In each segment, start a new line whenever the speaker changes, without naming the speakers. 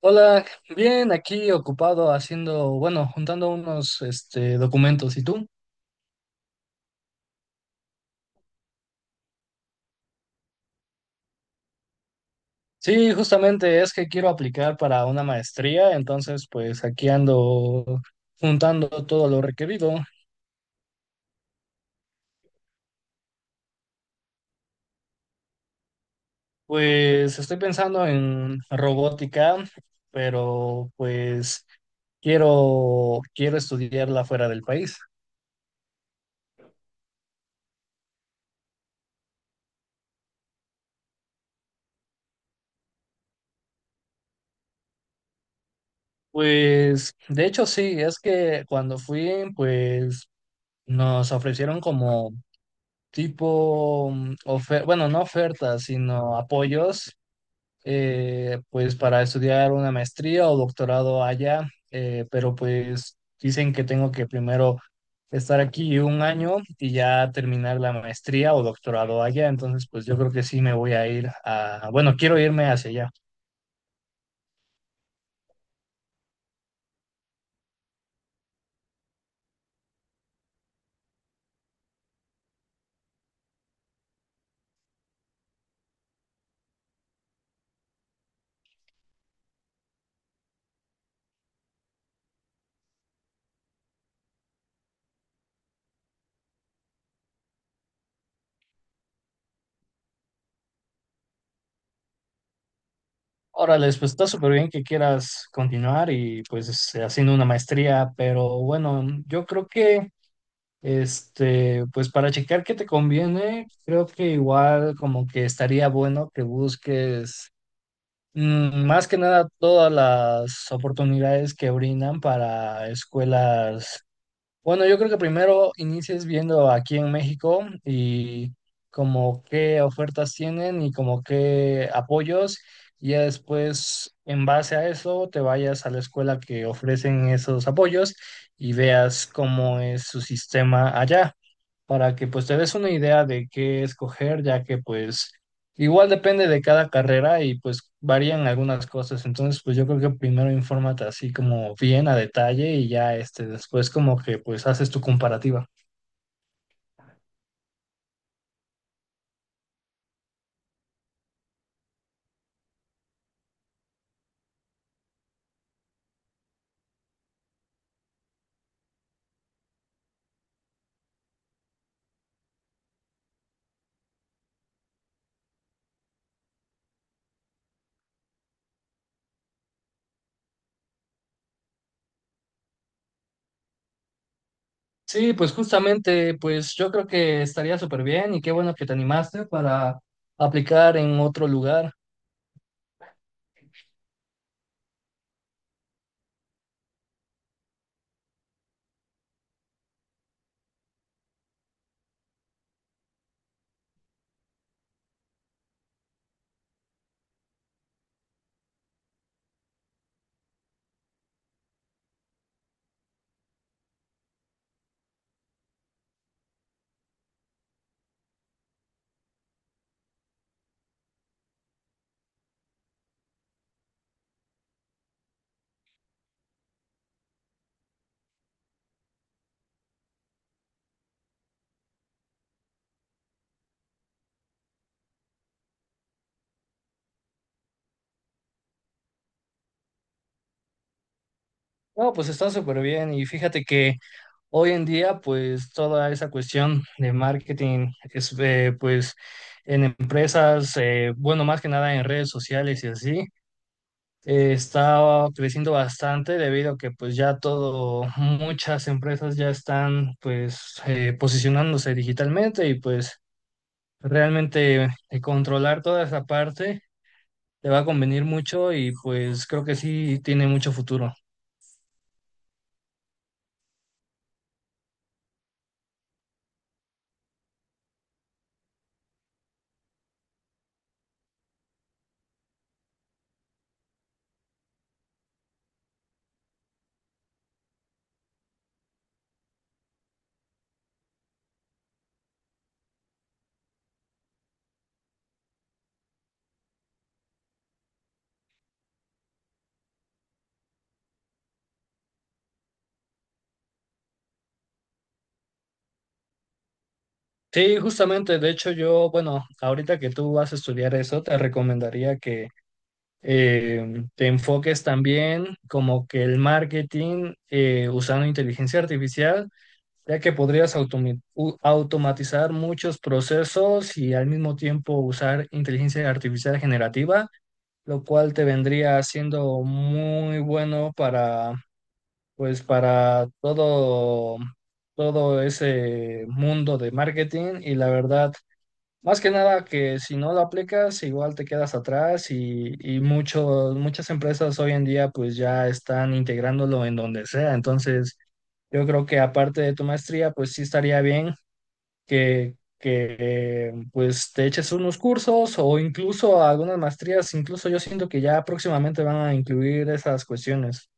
Hola, bien, aquí ocupado haciendo, bueno, juntando unos documentos. ¿Y tú? Sí, justamente es que quiero aplicar para una maestría, entonces pues aquí ando juntando todo lo requerido. Pues estoy pensando en robótica, pero pues quiero estudiarla fuera del país. Pues de hecho sí, es que cuando fui, pues nos ofrecieron como tipo ofer bueno, no ofertas, sino apoyos, pues para estudiar una maestría o doctorado allá, pero pues dicen que tengo que primero estar aquí 1 año y ya terminar la maestría o doctorado allá, entonces pues yo creo que sí me voy a ir a, bueno, quiero irme hacia allá. Órale, pues está súper bien que quieras continuar y pues haciendo una maestría, pero bueno, yo creo que. Pues para checar qué te conviene, creo que igual como que estaría bueno que busques, más que nada todas las oportunidades que brindan para escuelas. Bueno, yo creo que primero inicies viendo aquí en México y como qué ofertas tienen y como qué apoyos, y ya después en base a eso te vayas a la escuela que ofrecen esos apoyos y veas cómo es su sistema allá, para que pues te des una idea de qué escoger, ya que pues igual depende de cada carrera y pues varían algunas cosas. Entonces, pues yo creo que primero infórmate así como bien a detalle y ya después como que pues haces tu comparativa. Sí, pues justamente, pues yo creo que estaría súper bien y qué bueno que te animaste para aplicar en otro lugar. No, pues está súper bien y fíjate que hoy en día pues toda esa cuestión de marketing es, pues en empresas, bueno, más que nada en redes sociales y así, está creciendo bastante debido a que pues ya todo, muchas empresas ya están pues, posicionándose digitalmente, y pues realmente, controlar toda esa parte te va a convenir mucho y pues creo que sí tiene mucho futuro. Sí, justamente, de hecho yo, bueno, ahorita que tú vas a estudiar eso, te recomendaría que, te enfoques también como que el marketing, usando inteligencia artificial, ya que podrías automatizar muchos procesos y al mismo tiempo usar inteligencia artificial generativa, lo cual te vendría siendo muy bueno para, pues, para todo ese mundo de marketing. Y la verdad, más que nada que si no lo aplicas, igual te quedas atrás y muchas empresas hoy en día pues ya están integrándolo en donde sea. Entonces, yo creo que aparte de tu maestría, pues sí estaría bien que pues te eches unos cursos o incluso algunas maestrías. Incluso yo siento que ya próximamente van a incluir esas cuestiones.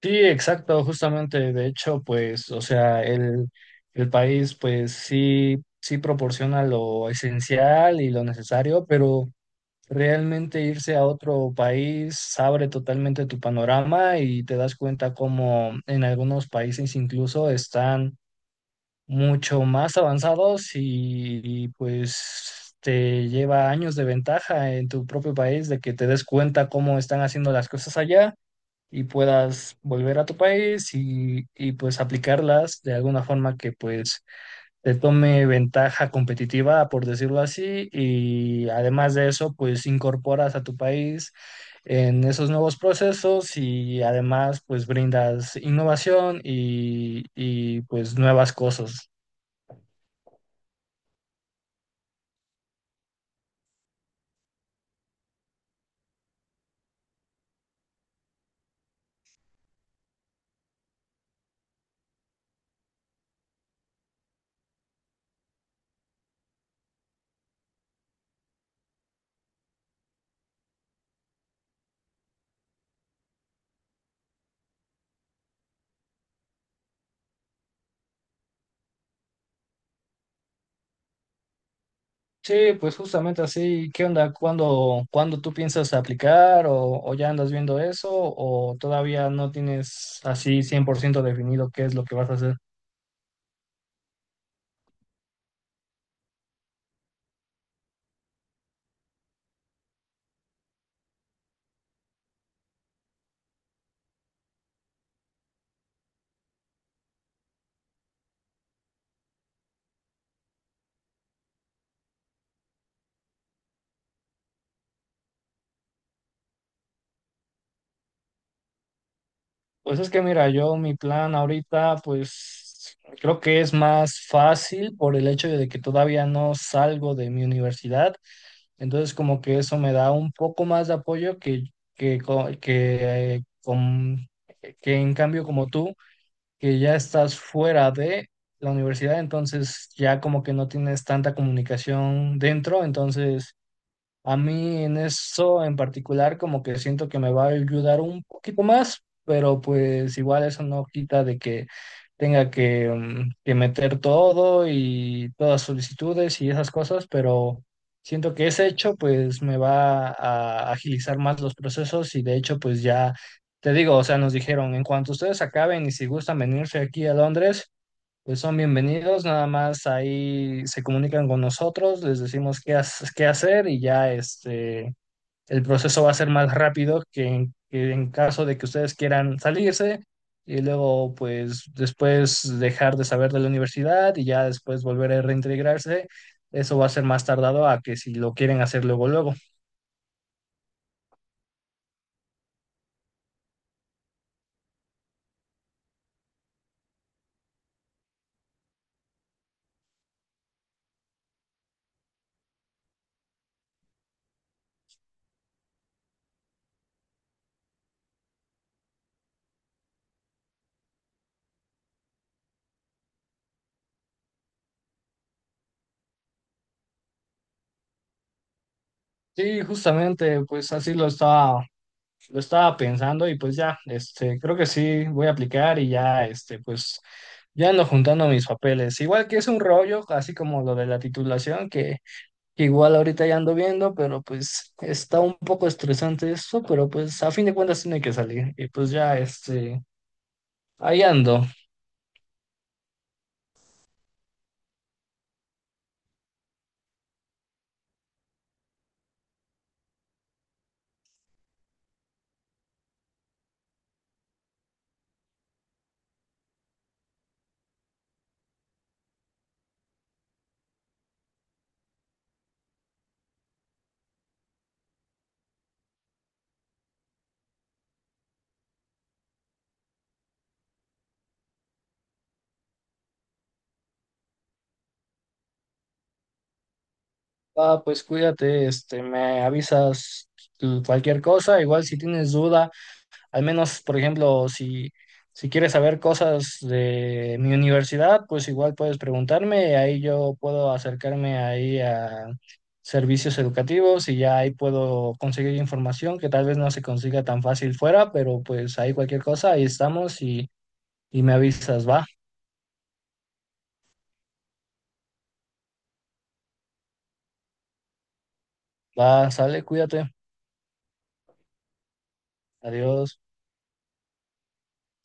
Sí, exacto, justamente. De hecho, pues, o sea, el país, pues sí, sí proporciona lo esencial y lo necesario, pero realmente irse a otro país abre totalmente tu panorama y te das cuenta como en algunos países incluso están mucho más avanzados pues te lleva años de ventaja en tu propio país de que te des cuenta cómo están haciendo las cosas allá, y puedas volver a tu país pues aplicarlas de alguna forma que pues te tome ventaja competitiva, por decirlo así, y además de eso pues incorporas a tu país en esos nuevos procesos, y además pues brindas innovación y pues nuevas cosas. Sí, pues justamente así, ¿qué onda? ¿Cuándo tú piensas aplicar, o ya andas viendo eso, o todavía no tienes así 100% definido qué es lo que vas a hacer? Pues es que mira, yo mi plan ahorita pues creo que es más fácil por el hecho de que todavía no salgo de mi universidad, entonces como que eso me da un poco más de apoyo que, co- que, eh, con- que en cambio como tú. Que ya estás fuera de la universidad, entonces ya como que no tienes tanta comunicación dentro, entonces a mí en eso en particular como que siento que me va a ayudar un poquito más, pero pues igual eso no quita de que tenga que meter todo y todas solicitudes y esas cosas, pero siento que ese hecho pues me va a agilizar más los procesos, y de hecho pues ya te digo, o sea, nos dijeron, en cuanto ustedes acaben y si gustan venirse aquí a Londres, pues son bienvenidos, nada más ahí se comunican con nosotros, les decimos qué hacer, y ya el proceso va a ser más rápido que en caso de que ustedes quieran salirse y luego pues después dejar de saber de la universidad y ya después volver a reintegrarse. Eso va a ser más tardado a que si lo quieren hacer luego luego. Sí, justamente, pues así lo estaba pensando, y pues ya, creo que sí voy a aplicar, y ya, pues ya ando juntando mis papeles. Igual que es un rollo, así como lo de la titulación, que igual ahorita ya ando viendo, pero pues está un poco estresante eso, pero pues a fin de cuentas tiene que salir. Y pues ya, ahí ando. Ah, pues cuídate, me avisas cualquier cosa, igual si tienes duda. Al menos, por ejemplo, si quieres saber cosas de mi universidad, pues igual puedes preguntarme, y ahí yo puedo acercarme ahí a servicios educativos, y ya ahí puedo conseguir información que tal vez no se consiga tan fácil fuera, pero pues ahí cualquier cosa, ahí estamos, y me avisas, va, va, sale, cuídate, adiós.